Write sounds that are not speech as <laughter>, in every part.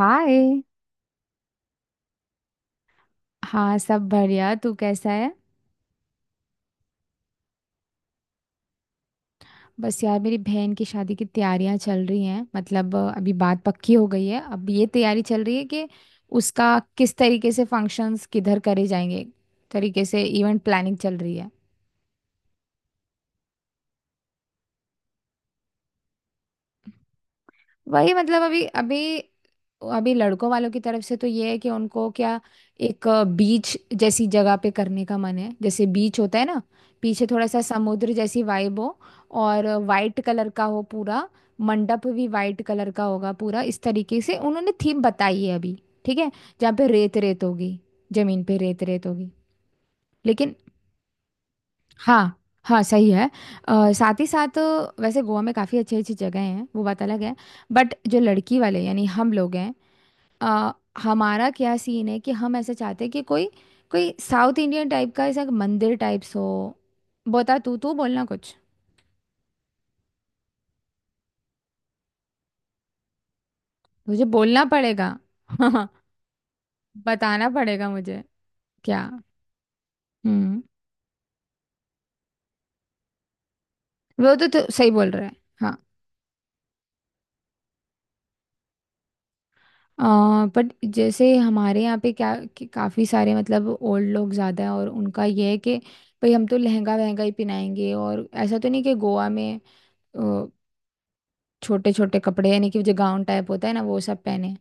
हाय। हाँ सब बढ़िया। तू कैसा है? बस यार मेरी बहन की शादी की तैयारियां चल रही हैं। मतलब अभी बात पक्की हो गई है, अब ये तैयारी चल रही है कि उसका किस तरीके से फंक्शंस किधर करे जाएंगे, तरीके से इवेंट प्लानिंग चल रही है। वही मतलब अभी अभी अभी लड़कों वालों की तरफ से तो ये है कि उनको क्या एक बीच जैसी जगह पे करने का मन है। जैसे बीच होता है ना, पीछे थोड़ा सा समुद्र जैसी वाइब हो, और वाइट कलर का हो पूरा। मंडप भी वाइट कलर का होगा पूरा, इस तरीके से उन्होंने थीम बताई है अभी। ठीक है। जहाँ पे रेत रेत होगी, जमीन पे रेत रेत होगी। लेकिन हाँ, हाँ सही है। साथ ही साथ वैसे गोवा में काफ़ी अच्छी अच्छी जगह हैं, वो बात अलग है। बट जो लड़की वाले यानी हम लोग हैं, अ, हमारा क्या सीन है कि हम ऐसे चाहते हैं कि कोई कोई साउथ इंडियन टाइप का ऐसा मंदिर टाइप्स हो। बता, तू तू बोलना कुछ। मुझे बोलना पड़ेगा। <laughs> बताना पड़ेगा मुझे क्या। हम्म। वो तो सही बोल रहा है। हाँ। बट जैसे हमारे यहाँ पे क्या कि काफ़ी सारे मतलब ओल्ड लोग ज़्यादा हैं, और उनका ये है कि भाई हम तो लहंगा वहंगा ही पहनाएंगे। और ऐसा तो नहीं कि गोवा में छोटे छोटे कपड़े यानी कि जो गाउन टाइप होता है ना वो सब पहने।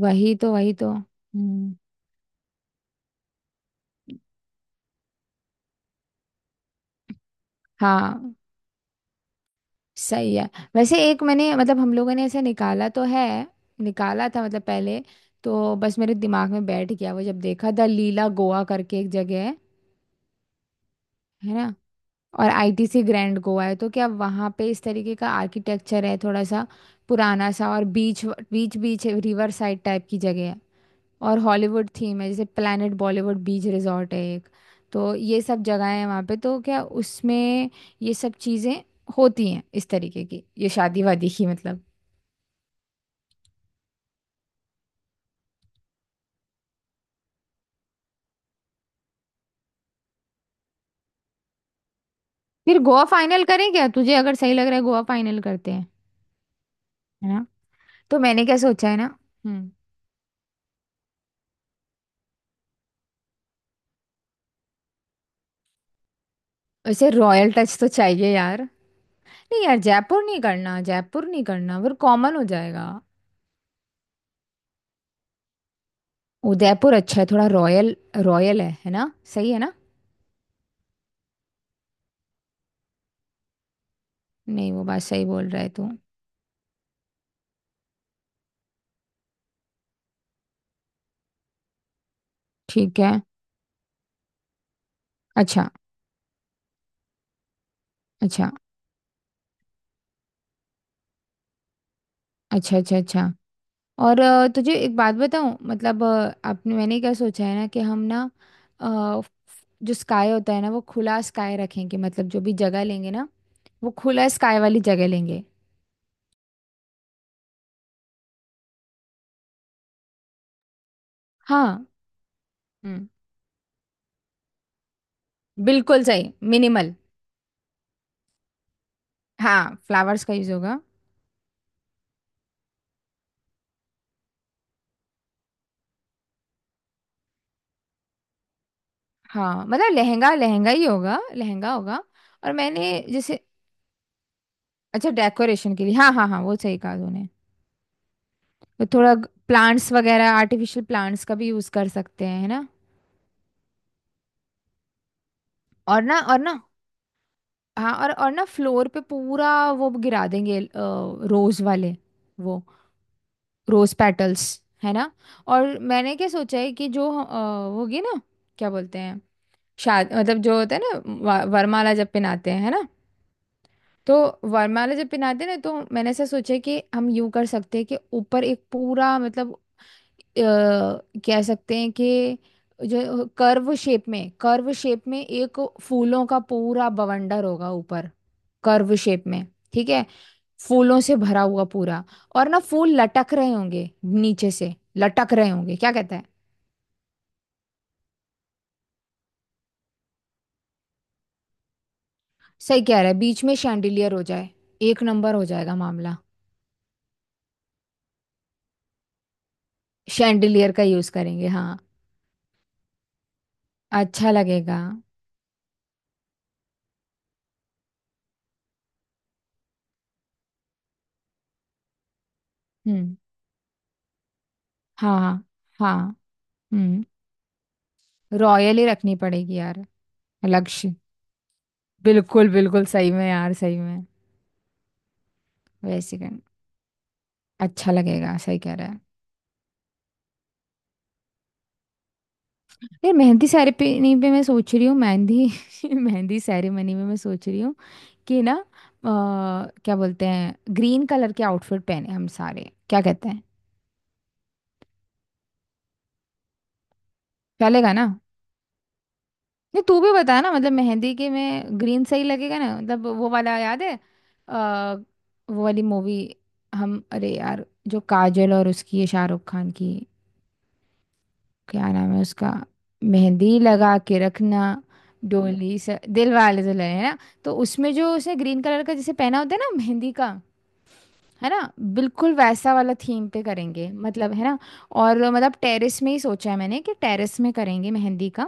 वही तो हम्म। हाँ सही है। वैसे एक मैंने मतलब हम लोगों ने ऐसे निकाला तो है, निकाला था मतलब पहले। तो बस मेरे दिमाग में बैठ गया वो, जब देखा द लीला गोवा करके एक जगह है। है ना। और आईटीसी ग्रैंड गोवा है, तो क्या वहाँ पे इस तरीके का आर्किटेक्चर है थोड़ा सा पुराना सा, और beach beach beach river side type की जगह है। और हॉलीवुड थीम है, जैसे प्लैनेट बॉलीवुड बीच रिजॉर्ट है एक। तो ये सब जगहें हैं वहाँ पे, तो क्या उसमें ये सब चीज़ें होती हैं इस तरीके की, ये शादी वादी की मतलब। फिर गोवा फाइनल करें क्या? तुझे अगर सही लग रहा है गोवा फाइनल करते हैं। है ना। तो मैंने क्या सोचा है ना। हम्म। वैसे रॉयल टच तो चाहिए यार। नहीं यार जयपुर नहीं करना, जयपुर नहीं करना, फिर कॉमन हो जाएगा। उदयपुर अच्छा है, थोड़ा रॉयल। रॉयल है ना? सही है ना? नहीं वो बात सही बोल रहा है तू। ठीक है। अच्छा, अच्छा, अच्छा, अच्छा, अच्छा। और तुझे एक बात बताऊं, मतलब आपने मैंने क्या सोचा है ना कि हम ना अ, जो स्काई होता है ना वो खुला स्काई रखेंगे। मतलब जो भी जगह लेंगे ना वो खुला स्काई वाली जगह लेंगे। हाँ। हम्म। बिल्कुल सही, मिनिमल। हाँ, फ्लावर्स का यूज होगा। हाँ मतलब लहंगा लहंगा ही होगा, लहंगा होगा। और मैंने जैसे अच्छा डेकोरेशन के लिए, हाँ, हाँ, हाँ, वो सही कहा तूने। तो थोड़ा प्लांट्स वगैरह, आर्टिफिशियल प्लांट्स का भी यूज कर सकते हैं, है ना। और ना हाँ, और ना फ्लोर पे पूरा वो गिरा देंगे, रोज वाले वो, रोज पेटल्स, है ना। और मैंने क्या सोचा है कि जो वो होगी ना, क्या बोलते हैं, शाद मतलब जो होता है ना, वरमाला जब पहनाते हैं है ना। तो वरमाला जब पहनाते ना, तो मैंने ऐसा सोचा कि हम यूं कर सकते हैं कि ऊपर एक पूरा मतलब अ, कह सकते हैं कि जो कर्व शेप में, कर्व शेप में एक फूलों का पूरा बवंडर होगा ऊपर। कर्व शेप में, ठीक है, फूलों से भरा हुआ पूरा। और ना फूल लटक रहे होंगे, नीचे से लटक रहे होंगे, क्या कहते हैं। सही कह रहा है, बीच में शैंडिलियर हो जाए, एक नंबर हो जाएगा मामला। शैंडिलियर का यूज करेंगे हाँ। अच्छा लगेगा। हम्म। हाँ, हाँ, हम्म। रॉयल ही रखनी पड़ेगी यार। लक्ष्य। बिल्कुल, बिल्कुल, सही में यार, सही में। वैसे कर अच्छा लगेगा, सही कह रहा है। यार मेहंदी सेरेमनी पे मैं सोच रही हूँ मेहंदी। <laughs> मेहंदी सेरेमनी में मैं सोच रही हूँ कि ना क्या बोलते हैं, ग्रीन कलर के आउटफिट पहने हम सारे, क्या कहते हैं। चलेगा ना। नहीं तू भी बता ना, मतलब मेहंदी के में ग्रीन सही लगेगा ना, मतलब वो वाला याद है, आ, वो वाली मूवी। हम अरे यार जो काजल और उसकी है शाहरुख खान की, क्या नाम है उसका, मेहंदी लगा के रखना। डोली से दिल वाले दुल्हन, है ना? तो उसमें जो उसने ग्रीन कलर का जैसे पहना होता है ना मेहंदी का, है ना, बिल्कुल वैसा वाला थीम पे करेंगे मतलब, है ना। और मतलब टेरेस में ही सोचा है मैंने कि टेरेस में करेंगे मेहंदी का,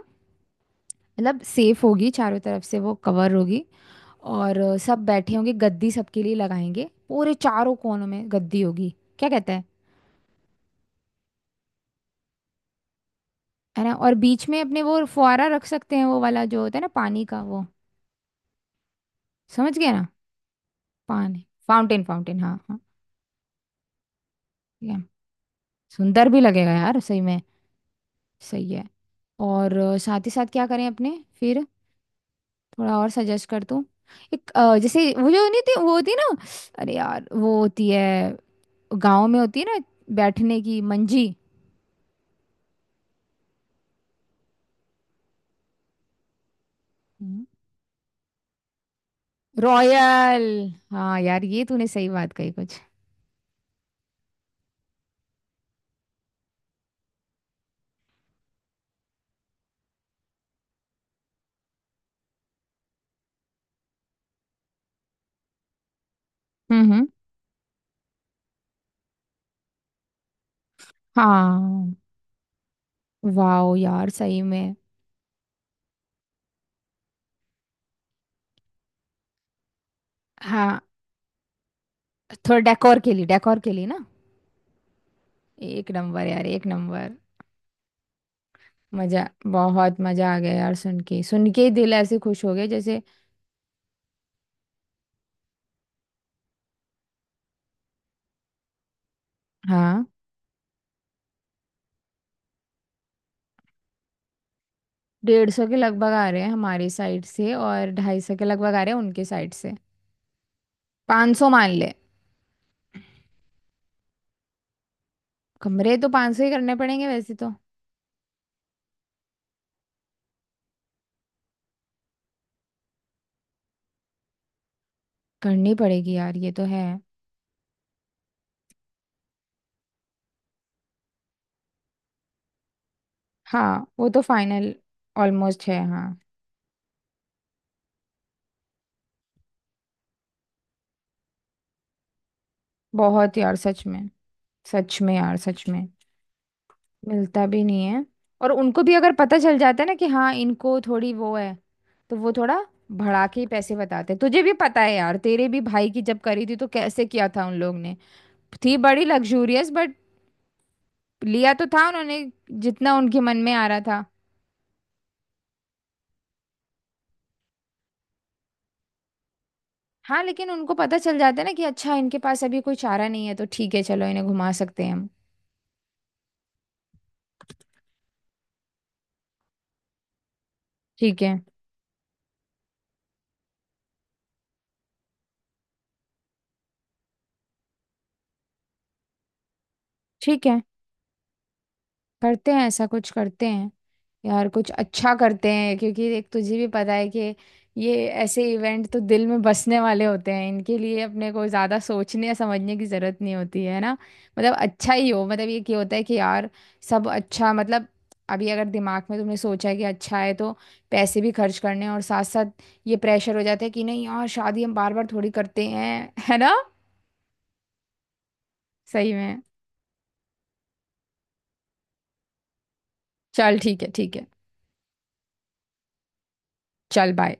मतलब सेफ होगी चारों तरफ से वो कवर होगी। और सब बैठे होंगे, गद्दी सबके लिए लगाएंगे, पूरे चारों कोनों में गद्दी होगी, क्या कहता है। है ना? और बीच में अपने वो फुहारा रख सकते हैं, वो वाला जो होता है ना, पानी का वो, समझ गया ना, पानी फाउंटेन, फाउंटेन हाँ, हाँ। ठीक है। सुंदर भी लगेगा यार सही में। सही है। और साथ ही साथ क्या करें अपने फिर, थोड़ा और सजेस्ट कर तू। एक जैसे वो जो नहीं थी, वो होती ना, अरे यार वो होती है, गांव में होती है ना, बैठने की मंजी। रॉयल। हाँ यार, ये तूने सही बात कही कुछ। हम्म, हम्म, हाँ। वाओ यार सही में। हाँ थोड़ा डेकोर के लिए, डेकोर के लिए ना। एक नंबर यार, एक नंबर। मजा, बहुत मजा आ गया यार, सुन के ही दिल ऐसे खुश हो गया जैसे। हाँ। 150 के लगभग आ रहे हैं हमारी साइड से, और 250 के लगभग आ रहे हैं उनके साइड से। 500 मान ले। कमरे तो 500 ही करने पड़ेंगे वैसे तो। करनी पड़ेगी यार, ये तो है। हाँ वो तो फाइनल, ऑलमोस्ट है हाँ। बहुत यार सच में, सच में यार, सच में। मिलता भी नहीं है। और उनको भी अगर पता चल जाता है ना कि हाँ इनको थोड़ी वो है, तो वो थोड़ा बढ़ा के ही पैसे बताते हैं। तुझे भी पता है यार, तेरे भी भाई की जब करी थी तो कैसे किया था उन लोग ने। थी बड़ी लग्जूरियस बट लिया तो था उन्होंने जितना उनके मन में आ रहा था। हाँ लेकिन उनको पता चल जाता है ना कि अच्छा इनके पास अभी कोई चारा नहीं है, तो ठीक है चलो इन्हें घुमा सकते हैं हम। ठीक है, ठीक है, करते हैं, ऐसा कुछ करते हैं। यार कुछ अच्छा करते हैं, क्योंकि एक तुझे भी पता है कि ये ऐसे इवेंट तो दिल में बसने वाले होते हैं, इनके लिए अपने को ज़्यादा सोचने या समझने की ज़रूरत नहीं होती है ना। मतलब अच्छा ही हो, मतलब ये क्या होता है कि यार सब अच्छा मतलब, अभी अगर दिमाग में तुमने सोचा है कि अच्छा है, तो पैसे भी खर्च करने हैं, और साथ साथ ये प्रेशर हो जाता है कि नहीं यार शादी हम बार बार थोड़ी करते हैं। <laughs> है ना? सही में। चल ठीक है, ठीक है। चल बाय।